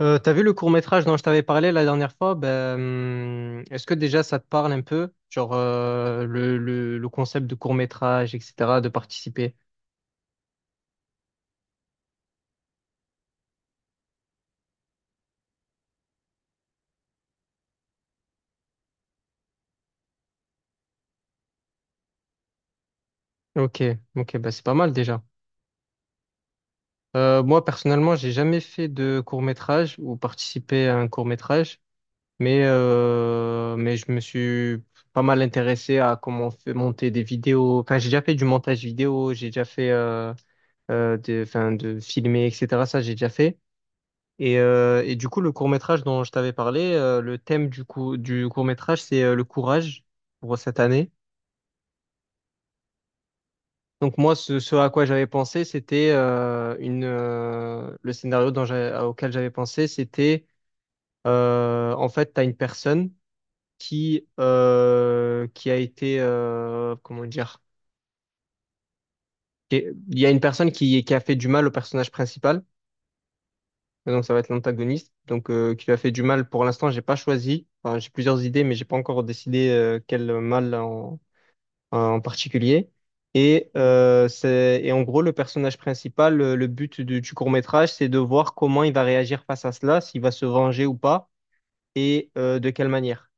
T'as vu le court-métrage dont je t'avais parlé la dernière fois? Est-ce que déjà ça te parle un peu? Genre le concept de court-métrage, etc., de participer. Ok, ok, bah c'est pas mal déjà. Moi personnellement, j'ai jamais fait de court-métrage ou participé à un court-métrage, mais je me suis pas mal intéressé à comment on fait monter des vidéos. Enfin, j'ai déjà fait du montage vidéo, j'ai déjà fait enfin, de filmer, etc. Ça, j'ai déjà fait. Et du coup, le court-métrage dont je t'avais parlé, le thème du coup, du court-métrage, c'est le courage pour cette année. Donc moi, ce à quoi j'avais pensé, c'était une le scénario dont j'ai- auquel j'avais pensé, c'était en fait, tu as une personne qui a été comment dire, il y a une personne qui a fait du mal au personnage principal. Et donc ça va être l'antagoniste, qui lui a fait du mal. Pour l'instant, j'ai pas choisi. Enfin, j'ai plusieurs idées, mais j'ai pas encore décidé quel mal en, en particulier. Et en gros le personnage principal, le but du court-métrage, c'est de voir comment il va réagir face à cela, s'il va se venger ou pas, et de quelle manière.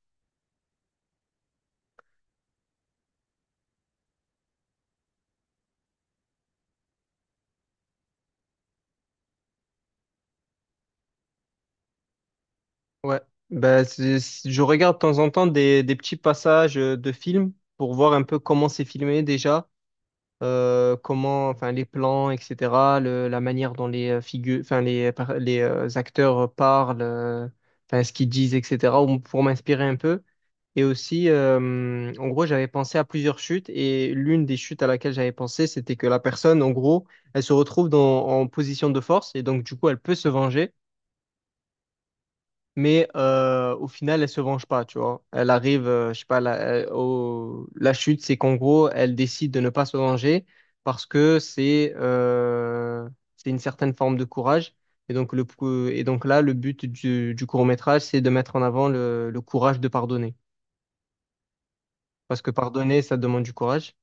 Ouais. Je regarde de temps en temps des petits passages de films pour voir un peu comment c'est filmé déjà comment, enfin, les plans, etc., la manière dont les figures, enfin, les, par- les acteurs parlent, enfin, ce qu'ils disent, etc., ou- pour m'inspirer un peu. Et aussi, en gros, j'avais pensé à plusieurs chutes et l'une des chutes à laquelle j'avais pensé, c'était que la personne, en gros, elle se retrouve dans, en position de force et donc, du coup, elle peut se venger mais au final, elle se venge pas, tu vois. Elle arrive, je sais pas, la chute, c'est qu'en gros, elle décide de ne pas se venger parce que c'est une certaine forme de courage. Et donc, là, le but du court-métrage, c'est de mettre en avant le courage de pardonner. Parce que pardonner, ça demande du courage.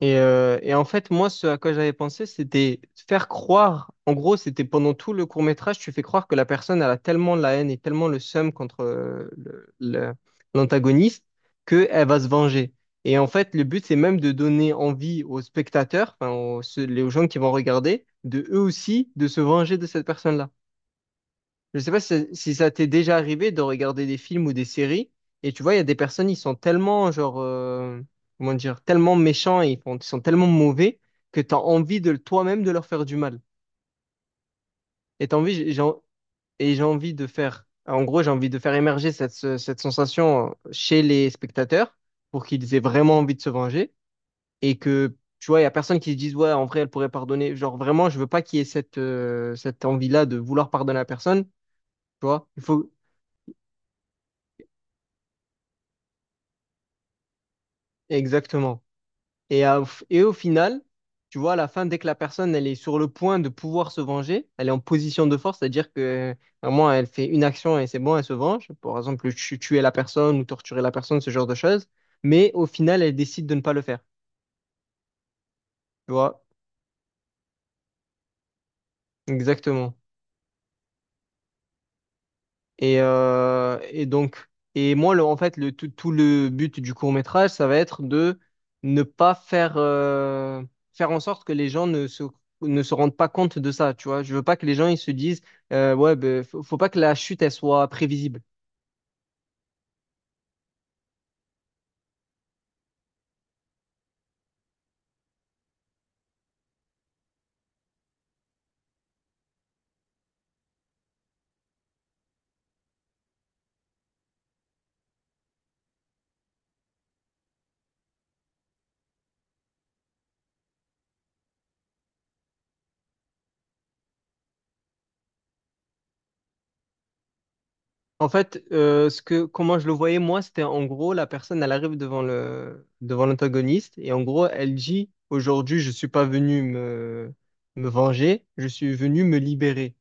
Et en fait, moi, ce à quoi j'avais pensé, c'était faire croire, en gros, c'était pendant tout le court-métrage, tu fais croire que la personne, elle a tellement la haine et tellement le seum contre l'antagoniste qu'elle va se venger. Et en fait, le but, c'est même de donner envie aux spectateurs, enfin, aux gens qui vont regarder, de eux aussi, de se venger de cette personne-là. Je sais pas si, si ça t'est déjà arrivé de regarder des films ou des séries, et tu vois, il y a des personnes, ils sont tellement, comment dire, tellement méchants, et ils sont tellement mauvais que t'as envie de toi-même de leur faire du mal. Et t'as envie, j'ai, j'ai en- et j'ai envie de faire, en gros, j'ai envie de faire émerger cette sensation chez les spectateurs pour qu'ils aient vraiment envie de se venger, et que, tu vois, il y a personne qui se dise, ouais, en vrai, elle pourrait pardonner. Genre, vraiment, je veux pas qu'il y ait cette envie-là de vouloir pardonner à personne, tu vois. Exactement. Et, à- et au final, tu vois, à la fin, dès que la personne, elle est sur le point de pouvoir se venger, elle est en position de force, c'est-à-dire que vraiment, elle fait une action et c'est bon, elle se venge. Par exemple, tuer la personne ou torturer la personne, ce genre de choses. Mais au final, elle décide de ne pas le faire. Tu vois, exactement. Et, euh, et donc, et moi, en fait, tout le but du court-métrage, ça va être de ne pas faire, faire en sorte que les gens ne se rendent pas compte de ça, tu vois. Je veux pas que les gens, ils se disent, ouais, ben, faut pas que la chute, elle soit prévisible. En fait, ce que, comment je le voyais, moi, c'était en gros, la personne, elle arrive devant devant l'antagoniste et en gros, elle dit, aujourd'hui, je suis pas venu me, me venger, je suis venu me libérer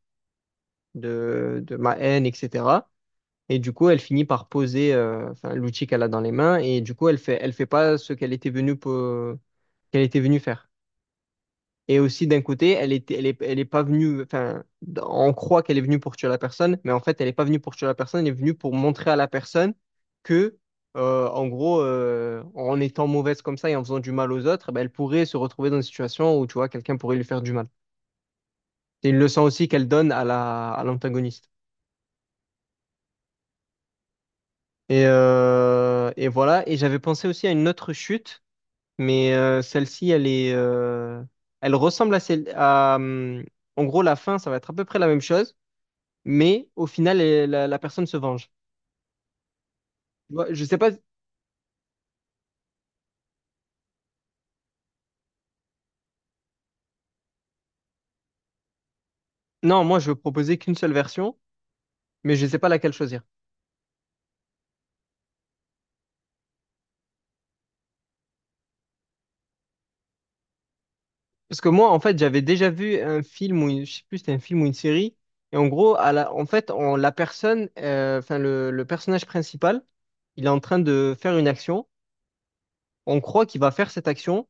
de ma haine, etc. Et du coup, elle finit par poser enfin, l'outil qu'elle a dans les mains. Et du coup, elle fait pas ce qu'elle était qu'elle était venue faire. Et aussi, d'un côté, elle est pas venue. Enfin, on croit qu'elle est venue pour tuer la personne, mais en fait, elle est pas venue pour tuer la personne. Elle est venue pour montrer à la personne que, en gros, en étant mauvaise comme ça et en faisant du mal aux autres, ben, elle pourrait se retrouver dans une situation où, tu vois, quelqu'un pourrait lui faire du mal. C'est une leçon aussi qu'elle donne à la, à l'antagoniste. Et voilà. Et j'avais pensé aussi à une autre chute. Mais celle-ci, elle ressemble à en gros, la fin, ça va être à peu près la même chose, mais au final, la personne se venge. Tu vois, je sais pas. Non, moi, je veux proposer qu'une seule version, mais je sais pas laquelle choisir. Parce que moi, en fait, j'avais déjà vu un film ou je sais plus, c'était un film ou une série, et en gros, à la, en fait, on, la personne, enfin, le personnage principal, il est en train de faire une action. On croit qu'il va faire cette action.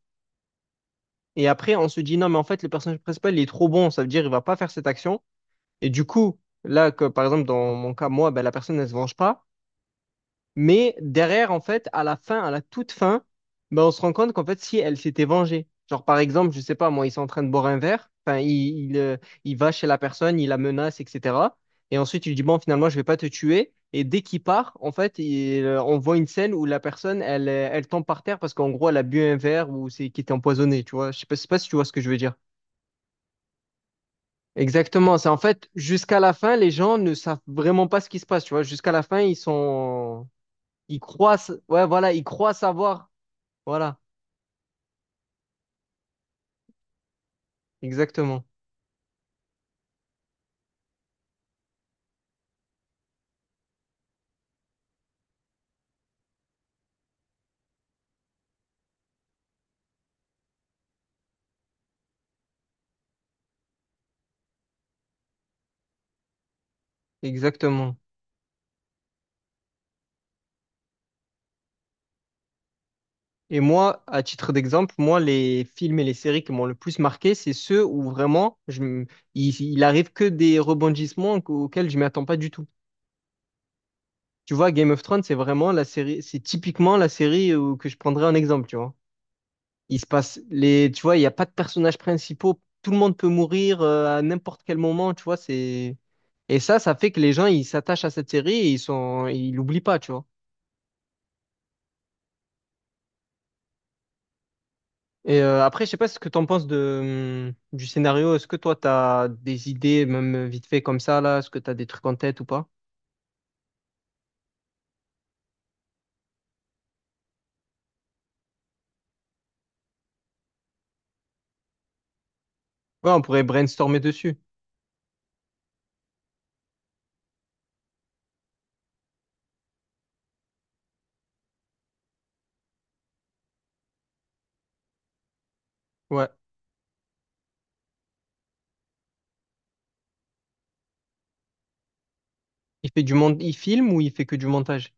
Et après, on se dit, non, mais en fait, le personnage principal, il est trop bon, ça veut dire il va pas faire cette action. Et du coup, là, que, par exemple, dans mon cas, moi, ben, la personne, elle se venge pas. Mais derrière, en fait, à la fin, à la toute fin, ben, on se rend compte qu'en fait, si elle s'était vengée, genre par exemple, je sais pas, moi, ils sont en train de boire un verre, enfin, il, euh, il va chez la personne, il la menace, etc. Et ensuite, il lui dit, bon, finalement, je vais pas te tuer. Et dès qu'il part, en fait, on voit une scène où la personne, elle tombe par terre parce qu'en gros, elle a bu un verre ou c'est qui était empoisonné, tu vois. Je sais pas si tu vois ce que je veux dire. Exactement, c'est en fait jusqu'à la fin, les gens ne savent vraiment pas ce qui se passe, tu vois. Jusqu'à la fin, ils croient, ouais, voilà, ils croient savoir. Voilà, exactement, exactement. Et moi, à titre d'exemple, moi, les films et les séries qui m'ont le plus marqué, c'est ceux où vraiment, il arrive que des rebondissements auxquels je m'attends pas du tout. Tu vois, Game of Thrones, c'est vraiment la série, c'est typiquement la série que je prendrais en exemple, tu vois. Il se passe les, tu vois, il n'y a pas de personnages principaux. Tout le monde peut mourir à n'importe quel moment, tu vois. C'est et ça fait que les gens ils s'attachent à cette série et ils l'oublient pas, tu vois. Après, je sais pas ce que t'en penses de du scénario. Est-ce que toi t'as des idées, même vite fait comme ça là? Est-ce que t'as des trucs en tête ou pas? Ouais, on pourrait brainstormer dessus. Ouais. Il fait du monde, il filme ou il fait que du montage?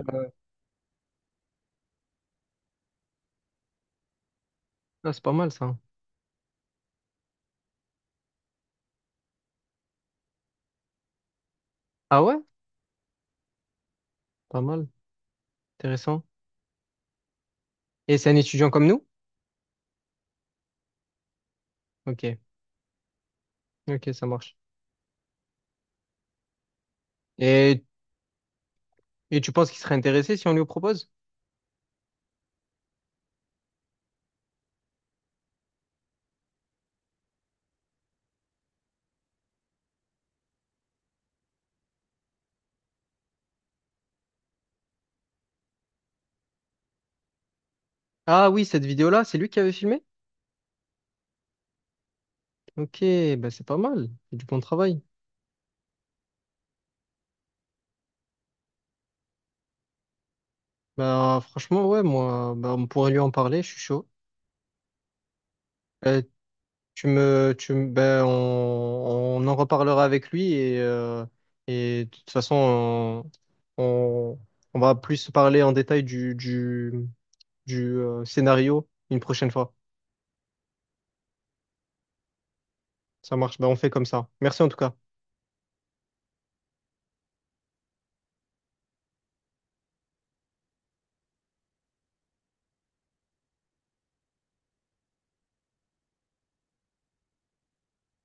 Euh, Ah, c'est pas mal ça. Ah ouais? Pas mal. Intéressant. Et c'est un étudiant comme nous? Ok. Ok, ça marche. Et Et tu penses qu'il serait intéressé si on lui propose? Ah oui, cette vidéo-là, c'est lui qui avait filmé? Ok, bah c'est pas mal, c'est du bon travail. Bah franchement, ouais, moi, bah, on pourrait lui en parler, je suis chaud. Euh, bah, on en reparlera avec lui et de toute façon, on, on va plus parler en détail du scénario une prochaine fois. Ça marche, ben on fait comme ça. Merci en tout cas.